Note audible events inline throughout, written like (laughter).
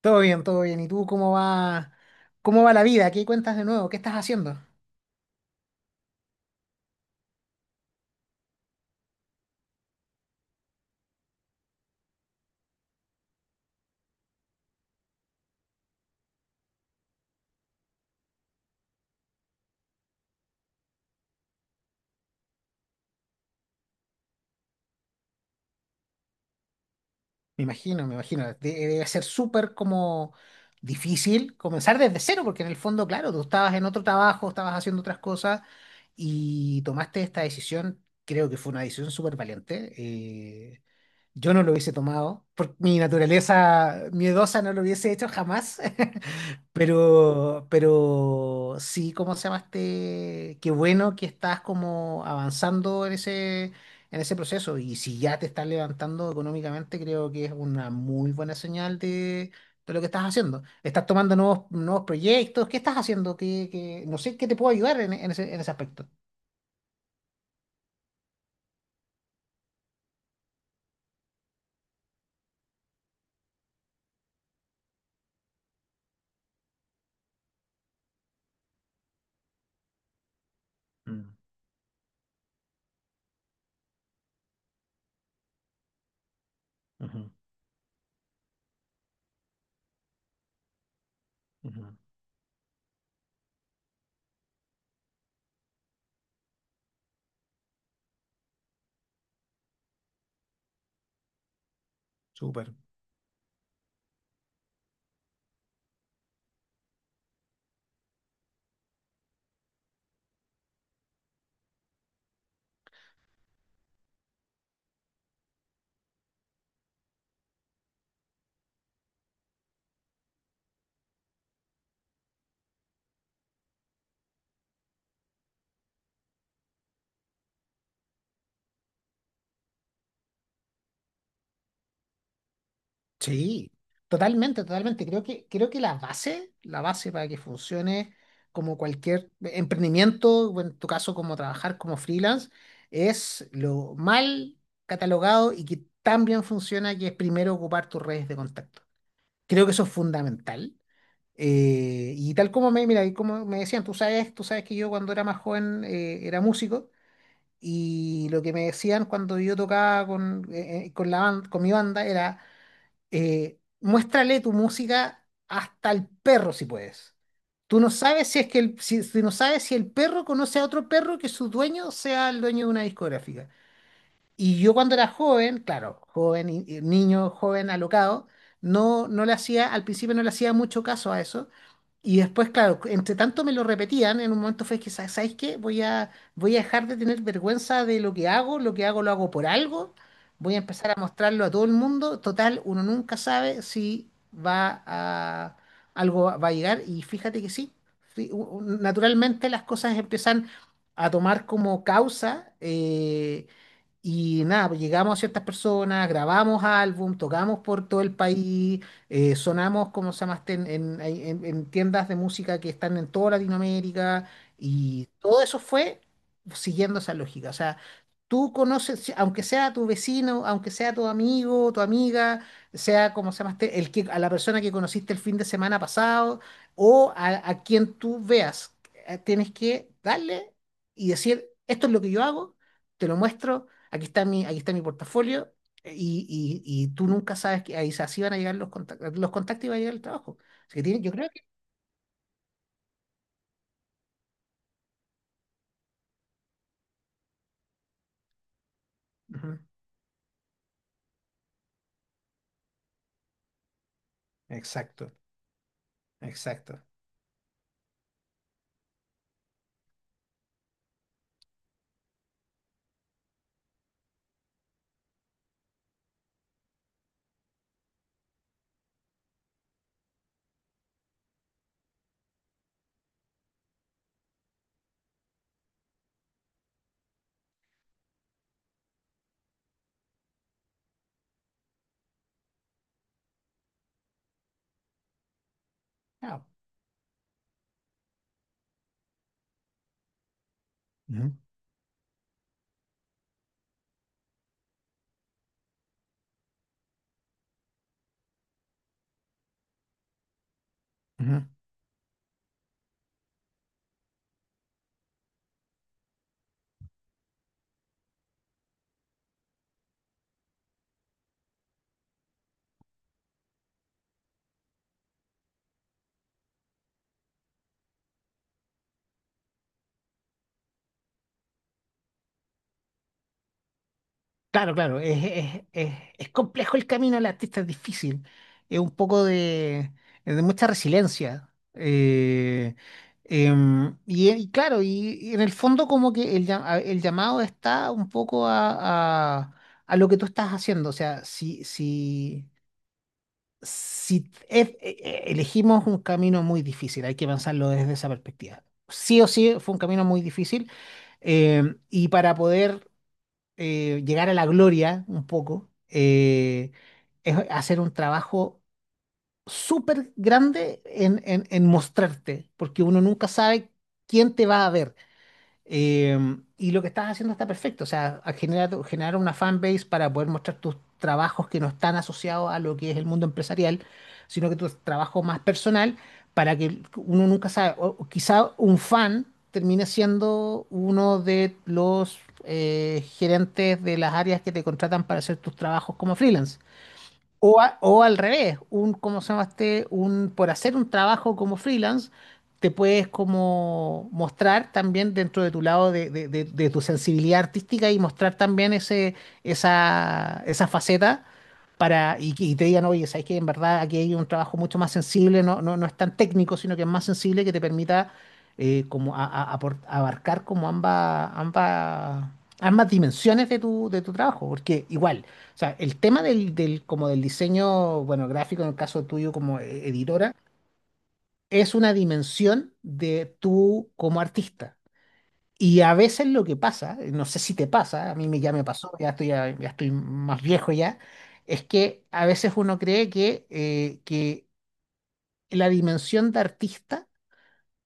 Todo bien, todo bien. ¿Y tú cómo va la vida? ¿Qué cuentas de nuevo? ¿Qué estás haciendo? Me imagino, me imagino. Debe ser súper como difícil comenzar desde cero, porque en el fondo, claro, tú estabas en otro trabajo, estabas haciendo otras cosas y tomaste esta decisión. Creo que fue una decisión súper valiente. Yo no lo hubiese tomado, por mi naturaleza miedosa no lo hubiese hecho jamás. (laughs) Pero sí, ¿cómo se llama este? Qué bueno que estás como avanzando en ese proceso. Y si ya te estás levantando económicamente, creo que es una muy buena señal de lo que estás haciendo. ¿Estás tomando nuevos proyectos? ¿Qué estás haciendo? No sé qué te puedo ayudar en ese aspecto. Mm. Ujú. Ujú. Súper. Sí, totalmente, totalmente. Creo que la base para que funcione como cualquier emprendimiento, o en tu caso como trabajar como freelance, es lo mal catalogado y que tan bien funciona que es primero ocupar tus redes de contacto. Creo que eso es fundamental. Y tal como mira, y como me decían, tú sabes que yo cuando era más joven era músico, y lo que me decían cuando yo tocaba con mi banda era, muéstrale tu música hasta el perro si puedes. Tú no sabes si es que el, si, si no sabes si el perro conoce a otro perro que su dueño sea el dueño de una discográfica. Y yo cuando era joven, claro, joven, y niño, joven, alocado, no, no le hacía, al principio no le hacía mucho caso a eso, y después, claro, entre tanto me lo repetían, en un momento fue que, ¿Sabes qué? Voy a dejar de tener vergüenza de lo que hago. Lo que hago lo hago por algo, voy a empezar a mostrarlo a todo el mundo. Total, uno nunca sabe si va a, algo va a llegar", y fíjate que sí, sí. Naturalmente las cosas empiezan a tomar como causa. Y nada, pues llegamos a ciertas personas, grabamos álbum, tocamos por todo el país, sonamos, como se llama, este, ahí en tiendas de música que están en toda Latinoamérica, y todo eso fue siguiendo esa lógica. O sea, tú conoces, aunque sea tu vecino, aunque sea tu amigo, tu amiga, sea, como se llama, este, a la persona que conociste el fin de semana pasado o a quien tú veas, tienes que darle y decir, esto es lo que yo hago, te lo muestro, aquí está mi portafolio. Y tú nunca sabes que ahí así van a llegar los contactos, los contactos, y va a llegar el trabajo. Así que yo creo que... Ujú. Exacto, exacto. Ah, ujú. Ujú. Claro, claro, es complejo el camino del artista, es difícil, es un poco de mucha resiliencia. Y claro, y en el fondo como que el llamado está un poco a lo que tú estás haciendo. O sea, si elegimos un camino muy difícil, hay que pensarlo desde esa perspectiva. Sí o sí fue un camino muy difícil. eh, y para poder llegar a la gloria un poco, es hacer un trabajo súper grande en, en mostrarte, porque uno nunca sabe quién te va a ver. Eh, y lo que estás haciendo está perfecto. O sea, a generar una fanbase para poder mostrar tus trabajos que no están asociados a lo que es el mundo empresarial, sino que tu trabajo más personal, para que uno nunca sabe, o quizá un fan termine siendo uno de los gerentes de las áreas que te contratan para hacer tus trabajos como freelance. O al revés, ¿cómo se llama este? Por hacer un trabajo como freelance, te puedes como mostrar también dentro de tu lado de tu sensibilidad artística, y mostrar también ese, esa faceta, y te digan, oye, sabes que en verdad aquí hay un trabajo mucho más sensible, no, no, no es tan técnico, sino que es más sensible que te permita como a- apor- abarcar como ambas dimensiones de tu trabajo. Porque igual, o sea, el tema del diseño, bueno, gráfico en el caso tuyo como editora, es una dimensión de tú como artista. Y a veces lo que pasa, no sé si te pasa, a mí me, ya, estoy más viejo ya, es que a veces uno cree que la dimensión de artista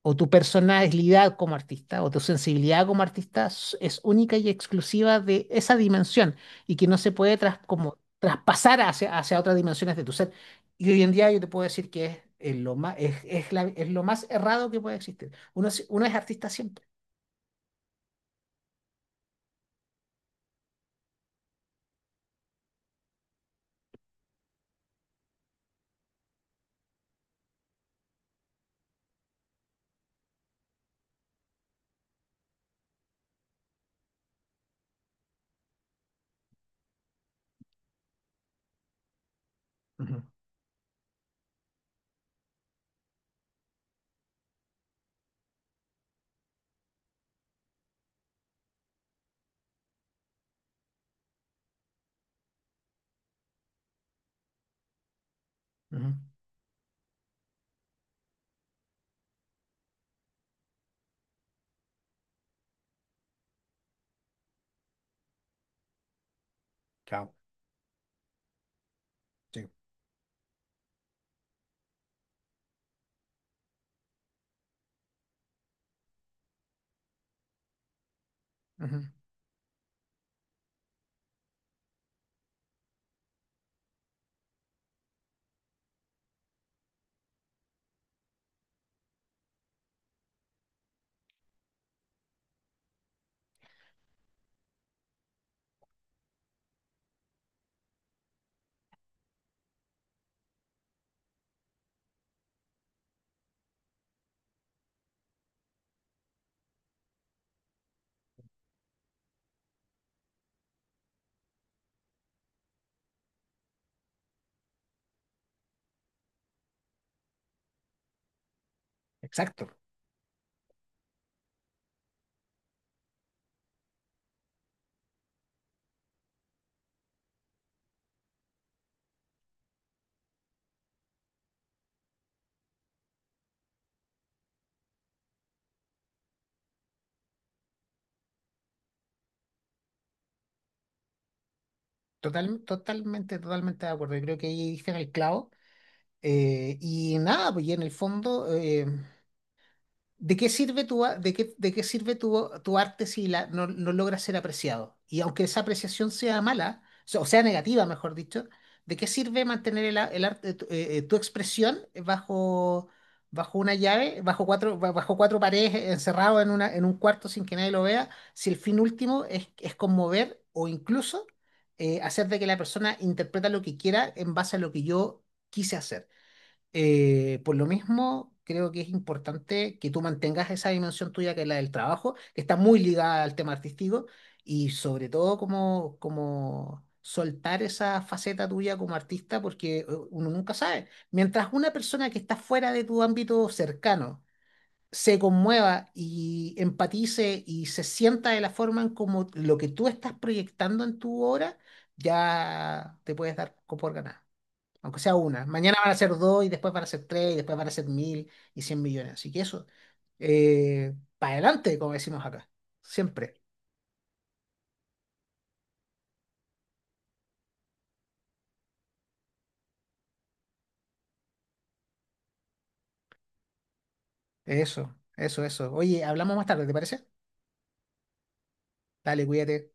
o tu personalidad como artista o tu sensibilidad como artista es única y exclusiva de esa dimensión, y que no se puede como traspasar hacia, hacia otras dimensiones de tu ser. Y hoy en día yo te puedo decir que es lo más errado que puede existir. Uno, uno es artista siempre. Ujú. Ujú. Chao. Ujú. Exacto. Total, totalmente, totalmente de acuerdo. Yo creo que ahí diste en el clavo. Y nada, pues y en el fondo, ¿De qué sirve tu arte si la, no, no logra ser apreciado? Y aunque esa apreciación sea mala, o sea, negativa, mejor dicho, ¿de qué sirve mantener el arte, tu expresión bajo, bajo una llave, bajo cuatro paredes, encerrado en un cuarto sin que nadie lo vea, si el fin último es conmover o incluso hacer de que la persona interpreta lo que quiera en base a lo que yo quise hacer? Por lo mismo, creo que es importante que tú mantengas esa dimensión tuya, que es la del trabajo, que está muy ligada al tema artístico, y sobre todo como, soltar esa faceta tuya como artista, porque uno nunca sabe. Mientras una persona que está fuera de tu ámbito cercano se conmueva y empatice y se sienta de la forma en como lo que tú estás proyectando en tu obra, ya te puedes dar por ganado aunque sea una. Mañana van a ser dos y después van a ser tres y después van a ser 1000 y 100 millones. Así que eso, para adelante, como decimos acá, siempre. Eso, eso, eso. Oye, hablamos más tarde, ¿te parece? Dale, cuídate.